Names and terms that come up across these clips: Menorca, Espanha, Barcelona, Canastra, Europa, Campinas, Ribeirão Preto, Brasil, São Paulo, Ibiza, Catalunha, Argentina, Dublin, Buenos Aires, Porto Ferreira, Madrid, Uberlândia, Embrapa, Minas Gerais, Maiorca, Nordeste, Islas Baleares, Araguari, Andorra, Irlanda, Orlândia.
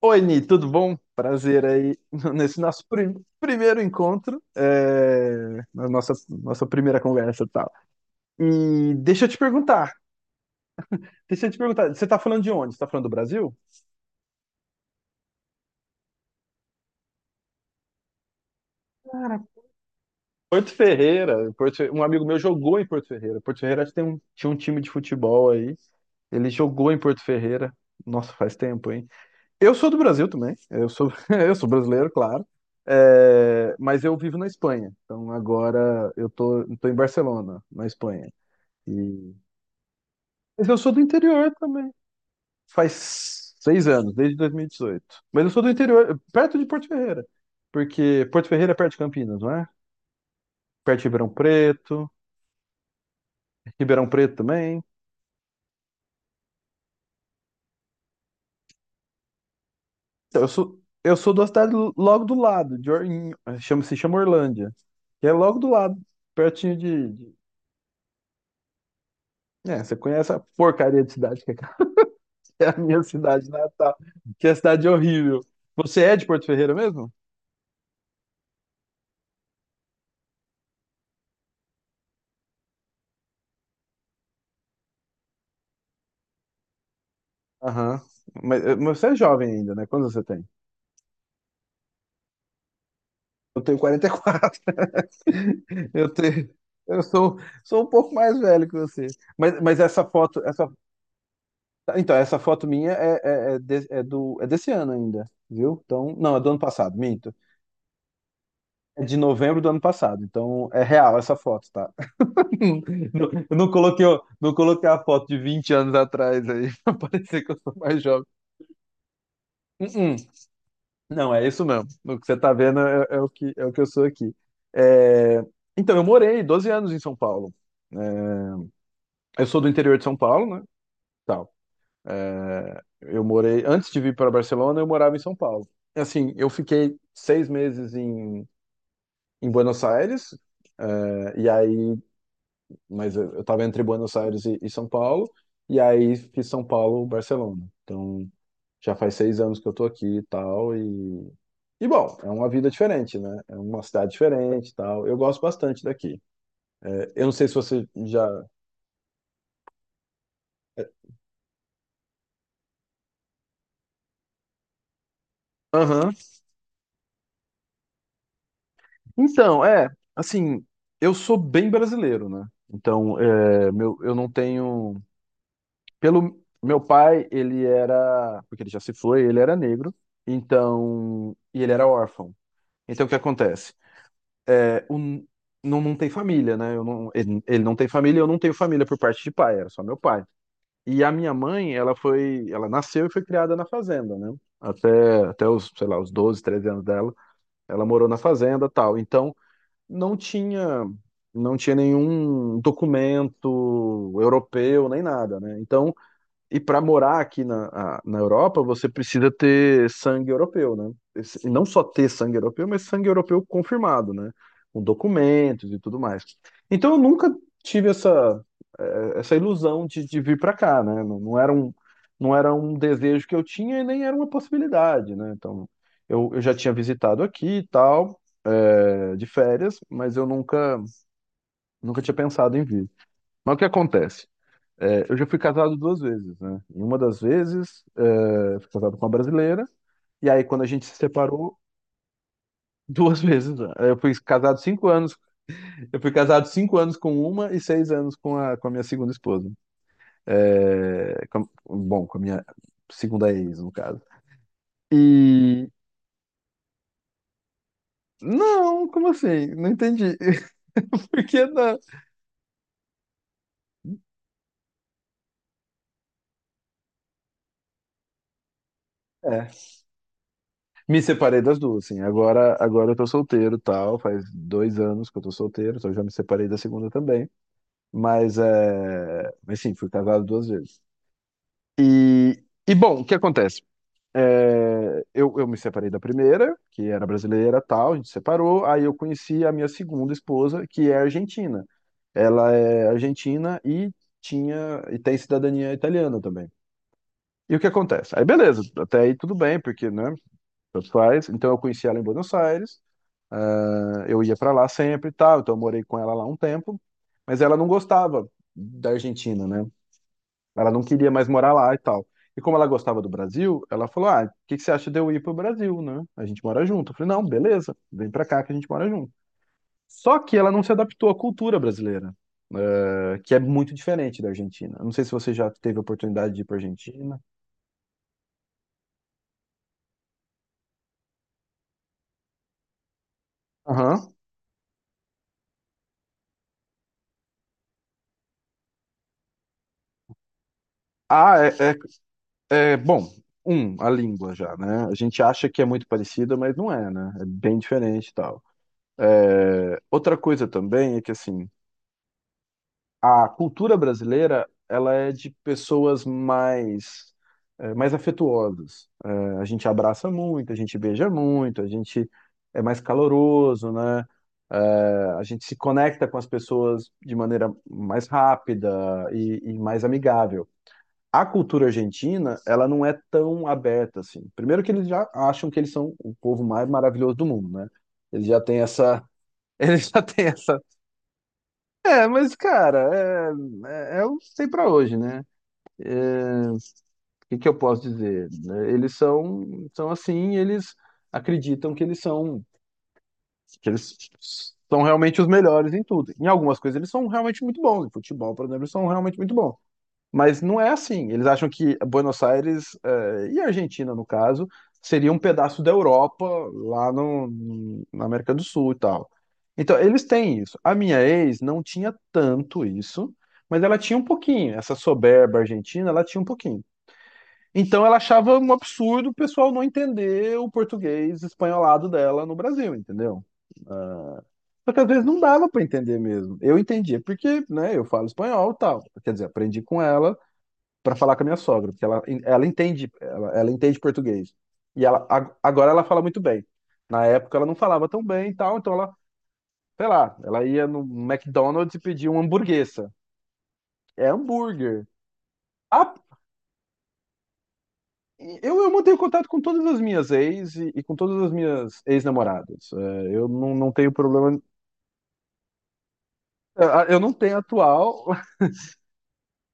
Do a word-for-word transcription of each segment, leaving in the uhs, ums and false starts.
Oi, Ni, tudo bom? Prazer aí nesse nosso prim- primeiro encontro, é, na nossa, nossa primeira conversa e tal. E deixa eu te perguntar, deixa eu te perguntar, você tá falando de onde? Você tá falando do Brasil? Cara, Porto Ferreira, Porto Fe- um amigo meu jogou em Porto Ferreira. Porto Ferreira acho que tem um, tinha um time de futebol aí, ele jogou em Porto Ferreira. Nossa, faz tempo, hein? Eu sou do Brasil também, eu sou, eu sou brasileiro, claro, é, mas eu vivo na Espanha, então agora eu tô, tô em Barcelona, na Espanha. E- Mas eu sou do interior também, faz seis anos, desde dois mil e dezoito. Mas eu sou do interior, perto de Porto Ferreira, porque Porto Ferreira é perto de Campinas, não é? Perto de Ribeirão Preto, Ribeirão Preto também. Então, eu sou, eu sou da cidade logo do lado, de Or- em- chama, se chama Orlândia, que é logo do lado, pertinho de. É, você conhece a porcaria de cidade que é é a minha cidade natal, que é a cidade horrível. Você é de Porto Ferreira mesmo? Aham. Mas, eh, mas você é jovem ainda, né? Quantos você tem? Eu tenho quarenta e quatro. Eu tenho, eu sou, sou um pouco mais velho que você. Mas, mas essa foto, essa, então, essa foto minha é, é, é de- é do, é desse ano ainda, viu? Então, não, é do ano passado, minto. É de novembro do ano passado, então é real essa foto, tá? Não, eu não coloquei, o- não coloquei a foto de vinte anos atrás aí, pra parecer que eu sou mais jovem. Uh-uh. Não, é isso mesmo. O que você tá vendo é, é o que, é o que eu sou aqui. É, Então, eu morei doze anos em São Paulo. É, Eu sou do interior de São Paulo, né? Tal. É, Eu morei, antes de vir para Barcelona, eu morava em São Paulo. Assim, eu fiquei seis meses em, em Buenos Aires, é, e aí mas eu eu tava entre Buenos Aires e, e São Paulo, e aí fiz São Paulo, Barcelona. Então, já faz seis anos que eu tô aqui e tal, e... E, bom, é uma vida diferente, né? É uma cidade diferente e tal. Eu gosto bastante daqui. É, eu não sei se você já... Aham. Então, é, assim, eu sou bem brasileiro, né? Então, é, meu, eu não tenho... Pelo... Meu pai, ele era... Porque ele já se foi, ele era negro, então... E ele era órfão. Então, o que acontece? é, o, não, não tem família, né? Eu não, ele, ele não tem família, eu não tenho família por parte de pai, era só meu pai. E a minha mãe, ela foi, ela nasceu e foi criada na fazenda, né? Até, até os, sei lá, os doze treze anos dela, ela morou na fazenda, tal. Então, não tinha, não tinha nenhum documento europeu nem nada, né? Então, e para morar aqui na, a- na Europa, você precisa ter sangue europeu, né? Esse- E não só ter sangue europeu, mas sangue europeu confirmado, né? Com documentos e tudo mais. Então eu nunca tive essa, eh, essa ilusão de, de vir para cá, né? Não, não era um, não era um desejo que eu tinha e nem era uma possibilidade, né? Então eu, eu já tinha visitado aqui e tal, eh, de férias, mas eu nunca, nunca tinha pensado em vir. Mas o que acontece? É, eu já fui casado duas vezes, né? Em uma das vezes, é, eu fui casado com uma brasileira, e aí quando a gente se separou, duas vezes, né? Eu fui casado cinco anos, eu fui casado cinco anos com uma e seis anos com a, com a minha segunda esposa. É, com bom, com a minha segunda ex, no caso. E. Não, como assim? Não entendi. Por que não? É, me separei das duas, sim. Agora, agora eu tô solteiro, e tal. Faz dois anos que eu tô solteiro, então eu já me separei da segunda também. Mas, é... mas sim, fui casado duas vezes. E, e bom, o que acontece? É, eu, eu me separei da primeira, que era brasileira, tal, a gente separou. Aí eu conheci a minha segunda esposa, que é argentina. Ela é argentina e tinha e tem cidadania italiana também. E o que acontece? Aí beleza, até aí tudo bem, porque, né, tanto faz. Então eu conheci ela em Buenos Aires, né, eu ia para lá sempre e tal, então eu morei com ela lá um tempo, mas ela não gostava da Argentina, né? Ela não queria mais morar lá e tal. E como ela gostava do Brasil, ela falou: "Ah, o que que você acha de eu ir pro Brasil, né? A gente mora junto." Eu falei: "Não, beleza, vem pra cá que a gente mora junto." Só que ela não se adaptou à cultura brasileira, eh, que é muito diferente da Argentina. Não sei se você já teve a oportunidade de ir pra Argentina. Aham. Ah, é, é, é- bom. Um, a língua já, né? A gente acha que é muito parecida, mas não é, né? É bem diferente e tal. Eh, outra coisa também é que assim, a cultura brasileira ela é de pessoas mais eh, mais afetuosas. Eh, a gente abraça muito, a gente beija muito, a gente é mais caloroso, né? Eh, a gente se conecta com as pessoas de maneira mais rápida e, e mais amigável. A cultura argentina, ela não é tão aberta assim. Primeiro que eles já acham que eles são o povo mais maravilhoso do mundo, né? Eles já têm essa, eles já têm essa é, mas, cara, é, é, é o sei pra hoje, né? O que que eu posso dizer, né? Eles são, são assim, eles acreditam que eles são, que eles são realmente os melhores em tudo. Em algumas coisas eles são realmente muito bons. Em futebol, por exemplo, eles são realmente muito bons. Mas não é assim. Eles acham que Buenos Aires, eh, e a Argentina, no caso, seria um pedaço da Europa lá no, na América do Sul e tal. Então, eles têm isso. A minha ex não tinha tanto isso, mas ela tinha um pouquinho. Essa soberba argentina, ela tinha um pouquinho. Então, ela achava um absurdo o pessoal não entender o português espanholado dela no Brasil, entendeu? Só que às vezes não dava para entender mesmo. Eu entendia porque, né, eu falo espanhol e tal. Quer dizer, aprendi com ela para falar com a minha sogra, porque ela, ela entende, ela, ela entende português. E ela a- agora ela fala muito bem. Na época ela não falava tão bem e tal, então ela, sei lá, ela ia no McDonald's e pedia uma hamburguesa. É hambúrguer. Ah, eu, eu mantenho contato com todas as minhas ex e, e com todas as minhas ex-namoradas. É, eu não, não tenho problema. Eu eu não tenho atual,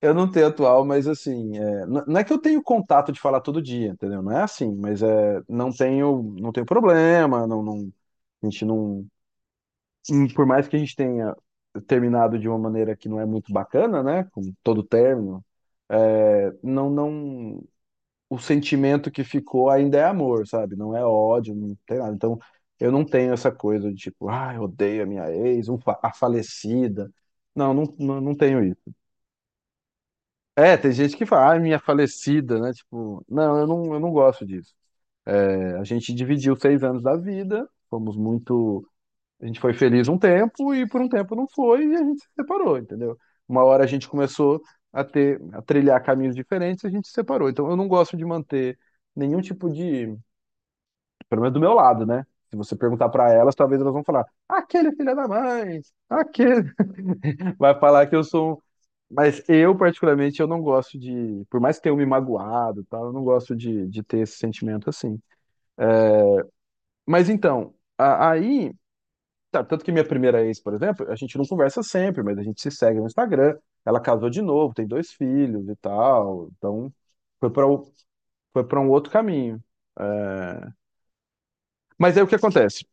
eu não tenho atual, mas assim, é, n- não é que eu tenho contato de falar todo dia, entendeu? Não é assim, mas é, não tenho, não tenho problema, não, não. A gente não. E por mais que a gente tenha terminado de uma maneira que não é muito bacana, né? Como todo término, é, não, não. O sentimento que ficou ainda é amor, sabe? Não é ódio, não tem nada. Então, eu não tenho essa coisa de tipo, ah, eu odeio a minha ex, um fa- a falecida. Não, não, não, não tenho isso. É, tem gente que fala, ah, minha falecida, né? Tipo, não, eu não, eu não gosto disso. É, a gente dividiu seis anos da vida, fomos muito. A gente foi feliz um tempo e por um tempo não foi e a gente se separou, entendeu? Uma hora a gente começou a ter, a trilhar caminhos diferentes e a gente se separou. Então eu não gosto de manter nenhum tipo de, pelo menos do meu lado, né? Se você perguntar pra elas, talvez elas vão falar: "Aquele filho da mãe, aquele". Vai falar que eu sou um, mas eu, particularmente, eu não gosto de. Por mais que tenham me magoado, e tal, eu não gosto de, de ter esse sentimento assim. Mas então, a- aí tá. Tanto que minha primeira ex, por exemplo, a gente não conversa sempre, mas a gente se segue no Instagram. Ela casou de novo, tem dois filhos e tal. Então, foi para foi para um outro caminho. É, Mas aí o que acontece?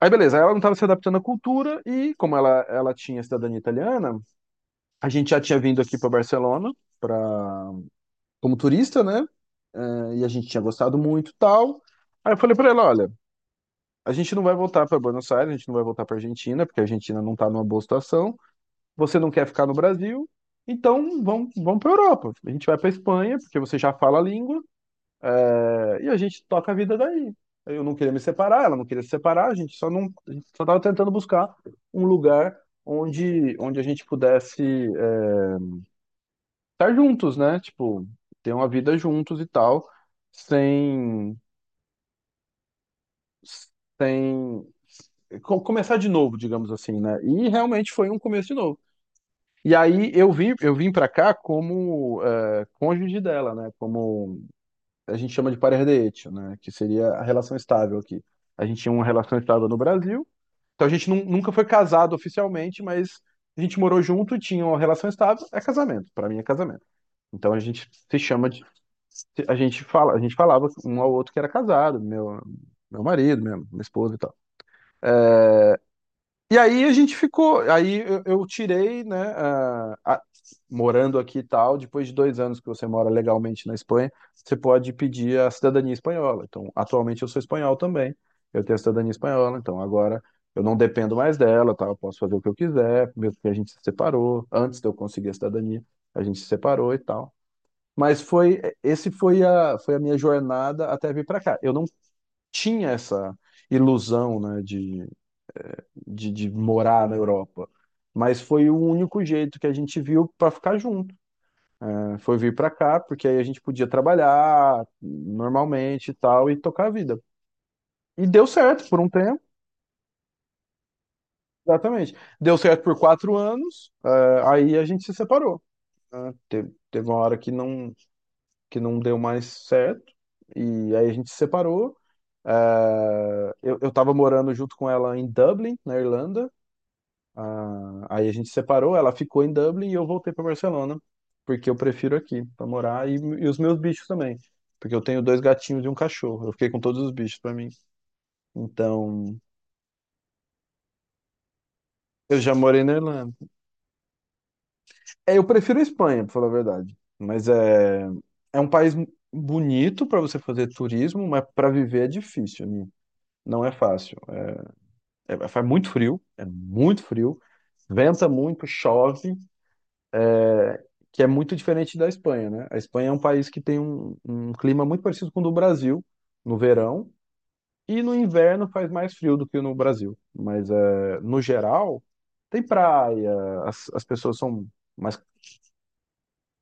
Aí, beleza, ela não estava se adaptando à cultura e, como ela, ela tinha cidadania italiana, a gente já tinha vindo aqui para Barcelona pra... como turista, né? É, e a gente tinha gostado muito e tal. Aí eu falei para ela: olha, a gente não vai voltar para Buenos Aires, a gente não vai voltar para Argentina, porque a Argentina não está numa boa situação. Você não quer ficar no Brasil, então vamos, vamos para a Europa. A gente vai para Espanha, porque você já fala a língua, é, e a gente toca a vida daí. Eu não queria me separar, ela não queria se separar, a gente só não, a gente só estava tentando buscar um lugar onde, onde a gente pudesse é, estar juntos, né? Tipo, ter uma vida juntos e tal, sem, sem co- começar de novo, digamos assim, né? E realmente foi um começo de novo. E aí eu vim, eu vim para cá como é, cônjuge dela, né? Como a gente chama de parer de hecho, né? Que seria a relação estável aqui. A gente tinha uma relação estável no Brasil, então a gente nun- nunca foi casado oficialmente, mas a gente morou junto, tinha uma relação estável, é casamento. Para mim é casamento. Então a gente se chama de, a gente fala, a gente falava um ao outro que era casado, meu, meu marido, minha, minha esposa e tal. E aí a gente ficou, aí eu, eu tirei, né, ah, a- morando aqui e tal, depois de dois anos que você mora legalmente na Espanha, você pode pedir a cidadania espanhola. Então, atualmente eu sou espanhol também, eu tenho a cidadania espanhola, então agora eu não dependo mais dela, tá? Eu posso fazer o que eu quiser, mesmo que a gente se separou, antes de eu conseguir a cidadania, a gente se separou e tal. Mas foi, esse foi a, foi a minha jornada até vir para cá. Eu não tinha essa ilusão, né, de de, de morar na Europa. Mas foi o único jeito que a gente viu para ficar junto, né? Foi vir para cá, porque aí a gente podia trabalhar normalmente e tal, e tocar a vida. E deu certo por um tempo, exatamente. Deu certo por quatro anos, eh, aí a gente se separou, né? Te- Teve uma hora que não, que não deu mais certo, e aí a gente se separou. Eh, eu, eu tava morando junto com ela em Dublin, na Irlanda. Ah, aí a gente separou, ela ficou em Dublin e eu voltei para Barcelona, porque eu prefiro aqui para morar e, e os meus bichos também, porque eu tenho dois gatinhos e um cachorro. Eu fiquei com todos os bichos para mim. Então, eu já morei na Irlanda. É, eu prefiro a Espanha, para falar a verdade, mas é é um país bonito para você fazer turismo, mas para viver é difícil, né? Não é fácil. É- é- faz muito frio, é muito frio, venta muito, chove, que é muito diferente da Espanha, né? A Espanha é um país que tem um, um clima muito parecido com o do Brasil no verão, e no inverno faz mais frio do que no Brasil. Mas é, no geral tem praia, as, as pessoas são, mas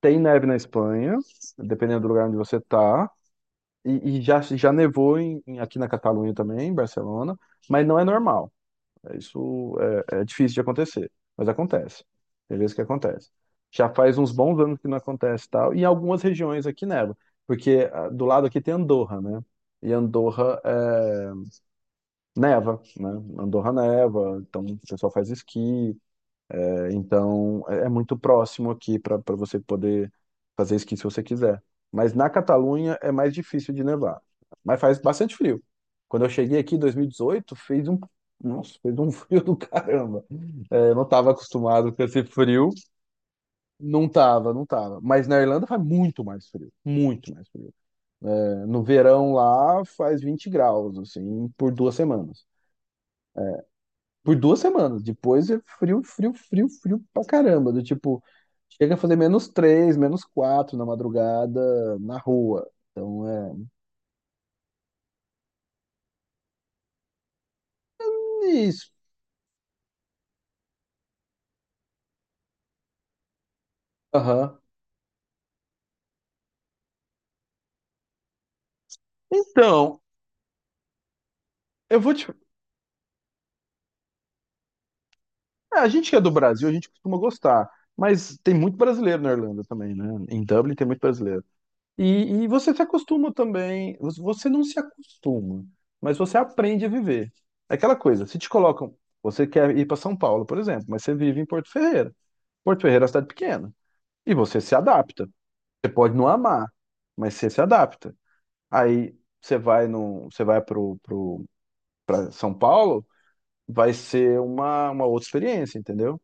tem neve na Espanha, dependendo do lugar onde você tá. E, e já, já nevou em, em- aqui na Catalunha também, em Barcelona, mas não é normal. Isso é, é difícil de acontecer, mas acontece. Tem vezes que acontece. Já faz uns bons anos que não acontece e tal, e em algumas regiões aqui neva, porque ah, do lado aqui tem Andorra, né? E Andorra é, neva, né? Andorra neva, então o pessoal faz esqui, então, é é muito próximo aqui para para você poder fazer esqui se você quiser. Mas na Catalunha é mais difícil de nevar. Mas faz bastante frio. Quando eu cheguei aqui em dois mil e dezoito, fez um, nossa, fez um frio do caramba. É, eu não estava acostumado com esse frio. Não tava, não tava. Mas na Irlanda faz muito mais frio. Muito mais frio. É, No verão lá faz vinte graus, assim, por duas semanas. Por duas semanas. Depois é frio, frio, frio, frio pra caramba. Do tipo, chega a fazer menos três, menos quatro na madrugada na rua. Então é. Isso. Aham. Então, eu vou te. Ah, a gente que é do Brasil, a gente costuma gostar. Mas tem muito brasileiro na Irlanda também, né? Em Dublin tem muito brasileiro. E, e você se acostuma também. Você não se acostuma, mas você aprende a viver. É aquela coisa, se te colocam. Você quer ir para São Paulo, por exemplo, mas você vive em Porto Ferreira. Porto Ferreira é uma cidade pequena. E você se adapta. Você pode não amar, mas você se adapta. Aí você vai no, você vai pro, pro eh, São Paulo, vai ser uma, uma outra experiência, entendeu?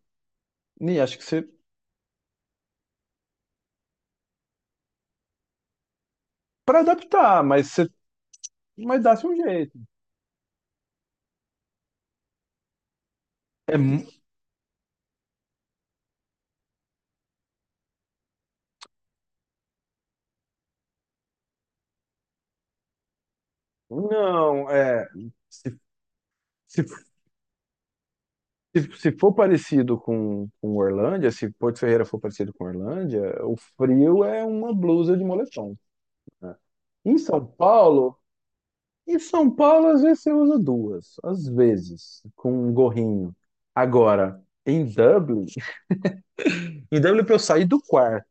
E acho que você para adaptar, mas você, mas dá-se um jeito. É, mu- não, é se, se, se, se for parecido com, com Orlândia, se Porto Ferreira for parecido com Orlândia, o frio é uma blusa de moletom, né? Em São Paulo, em São Paulo, às vezes você usa duas, às vezes, com um gorrinho. Agora, em Dublin. E daí eu olhei pra eu sair do quarto.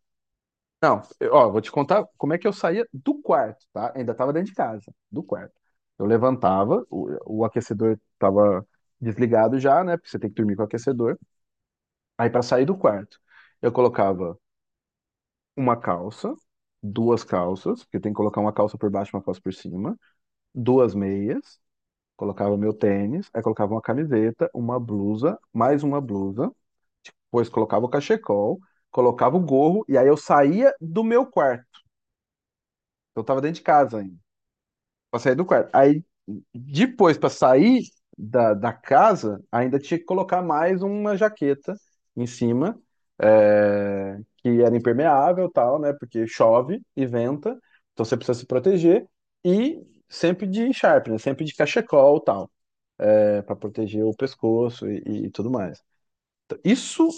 Não, eu- ó, vou te contar como é que eu saía do quarto, tá? Ainda tava dentro de casa, do quarto. Eu levantava, o, o aquecedor tava desligado já, né? Porque você tem que dormir com o aquecedor. Aí pra sair do quarto, eu colocava uma calça, duas calças, porque tem que colocar uma calça por baixo, e uma calça por cima, duas meias, colocava meu tênis, aí colocava uma camiseta, uma blusa, mais uma blusa, depois colocava o cachecol, colocava o gorro, e aí eu saía do meu quarto. Eu tava dentro de casa ainda, pra sair do quarto. Aí, depois, pra sair da, da casa, ainda tinha que colocar mais uma jaqueta em cima, é, que era impermeável e tal, né? Porque chove e venta, então você precisa se proteger. E sempre de Sharp, né? Sempre de cachecol e tal, é, pra proteger o pescoço e, e tudo mais. Então, isso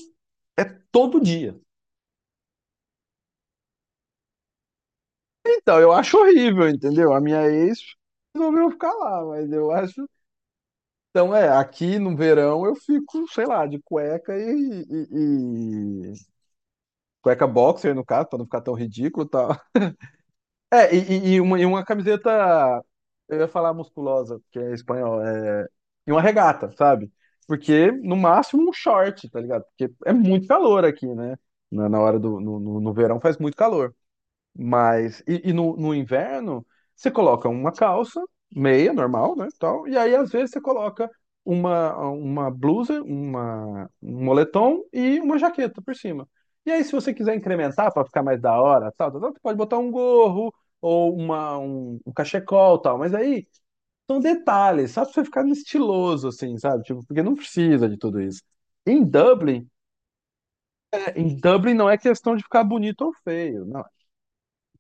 é todo dia. Então, eu acho horrível, entendeu? A minha ex resolveu ficar lá, mas eu acho. Então, é, aqui no verão eu fico, sei lá, de cueca e, e- e- cueca boxer, no caso, pra não ficar tão ridículo e tal. É, e, e- e uma, e uma camiseta, eu ia falar musculosa, porque é espanhol, é, e uma regata, sabe? Porque, no máximo, um short, tá ligado? Porque é muito calor aqui, né? Na, na hora do, no, no no verão faz muito calor. Mas, e, e no, no inverno, você coloca uma calça, meia, normal, né, tal, e aí às vezes você coloca uma, uma blusa, uma, um moletom e uma jaqueta por cima. E aí, se você quiser incrementar para ficar mais da hora, tal, tal, tal, você pode botar um gorro ou uma, um, um cachecol, tal, mas aí são detalhes, só pra você ficar estiloso, assim, sabe, tipo, porque não precisa de tudo isso. Em Dublin, é, em Dublin não é questão de ficar bonito ou feio, não.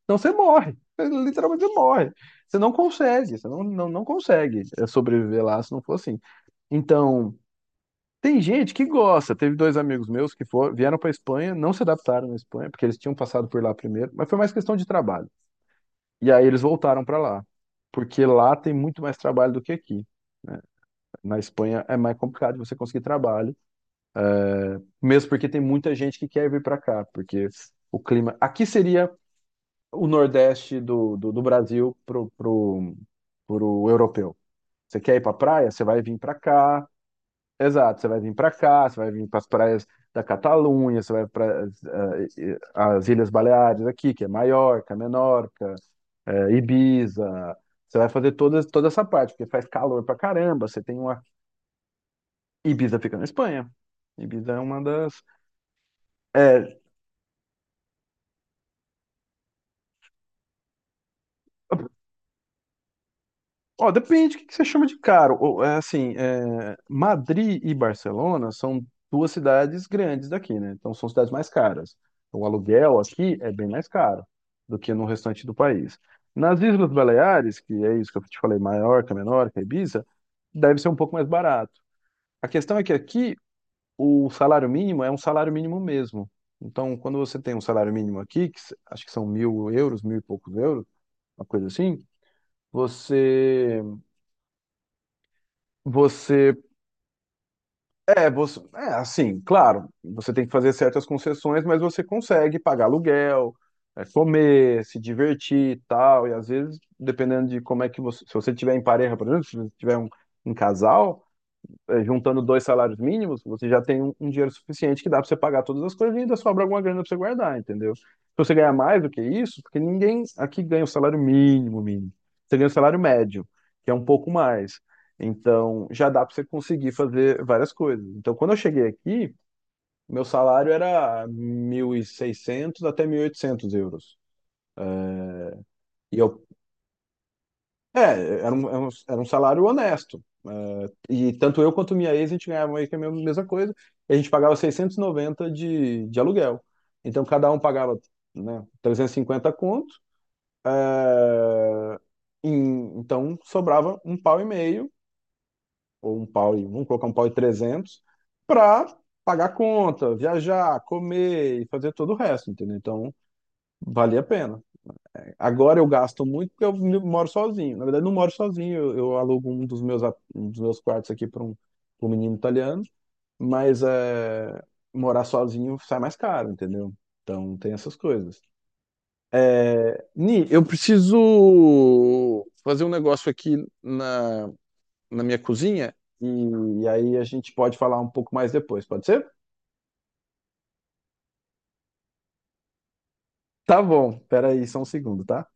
Então você morre. Literalmente você morre. Você não consegue, você não, não, não consegue eh, sobreviver lá se não for assim. Então, tem gente que gosta. Teve dois amigos meus que foram, vieram para Espanha, não se adaptaram na Espanha, porque eles tinham passado por lá primeiro, mas foi mais questão de trabalho. E aí eles voltaram para lá, porque lá tem muito mais trabalho do que aqui. Na Espanha é mais complicado de você conseguir trabalho, mesmo porque tem muita gente que quer vir para cá, porque o clima aqui seria o Nordeste do, do, do Brasil pro, pro, pro europeu. Você quer ir pra praia? Você vai vir pra cá. Exato, você vai vir pra cá, você vai vir para as praias da Catalunha, você vai para as Ilhas Baleares aqui, que é Maiorca, Menorca, eh, Ibiza. Você vai fazer toda, toda essa parte, porque faz calor pra caramba. Você tem uma. Ibiza fica na Espanha. Ibiza é uma das. É, ó, depende do que que você chama de caro. Ou, é, assim, é, Madrid e Barcelona são duas cidades grandes daqui, né? Então são cidades mais caras. O aluguel aqui é bem mais caro do que no restante do país. Nas Islas Baleares, que é isso que eu te falei, Maiorca, Menorca, Ibiza, deve ser um pouco mais barato. A questão é que aqui o salário mínimo é um salário mínimo mesmo. Então, quando você tem um salário mínimo aqui, que s- acho que são mil euros, mil e poucos euros, uma coisa assim, você você. É, você, é assim, claro, você tem que fazer certas concessões, mas você consegue pagar aluguel, é, comer, se divertir e tal. E às vezes, dependendo de como é que você. Se você tiver em pareja, por exemplo, se você tiver um, um casal, é, juntando dois salários mínimos, você já tem um, um dinheiro suficiente que dá para você pagar todas as coisas e ainda sobra alguma grana para você guardar, entendeu? Se você ganhar mais do que isso, porque ninguém aqui ganha o salário mínimo, mínimo. Você ganha o salário médio, que é um pouco mais. Então, já dá para você conseguir fazer várias coisas. Então, quando eu cheguei aqui, meu salário era mil e seiscentos até mil e oitocentos euros. E eu. É, era um, era um, era um salário honesto. eh, e tanto eu quanto minha ex, a gente ganhava meio que a mesma mesma coisa. E a gente pagava seiscentos e noventa de, de aluguel. Então cada um pagava, né, trezentos e cinquenta conto. é, E, então sobrava um pau e meio, ou um pau e, vamos colocar um pau e trezentos para pagar conta, viajar, comer e fazer todo o resto, entendeu? Então valia a pena. Agora eu gasto muito porque eu vi- moro sozinho. Na verdade, não moro sozinho. Eu, eu alugo um dos meus, ap- um dos meus quartos aqui para um, pra um menino italiano. Mas é, morar sozinho sai mais caro, entendeu? Então tem essas coisas. É, Ni, eu preciso fazer um negócio aqui na, na minha cozinha. E, e aí a gente pode falar um pouco mais depois, pode ser? Tá bom, peraí, só um segundo, tá?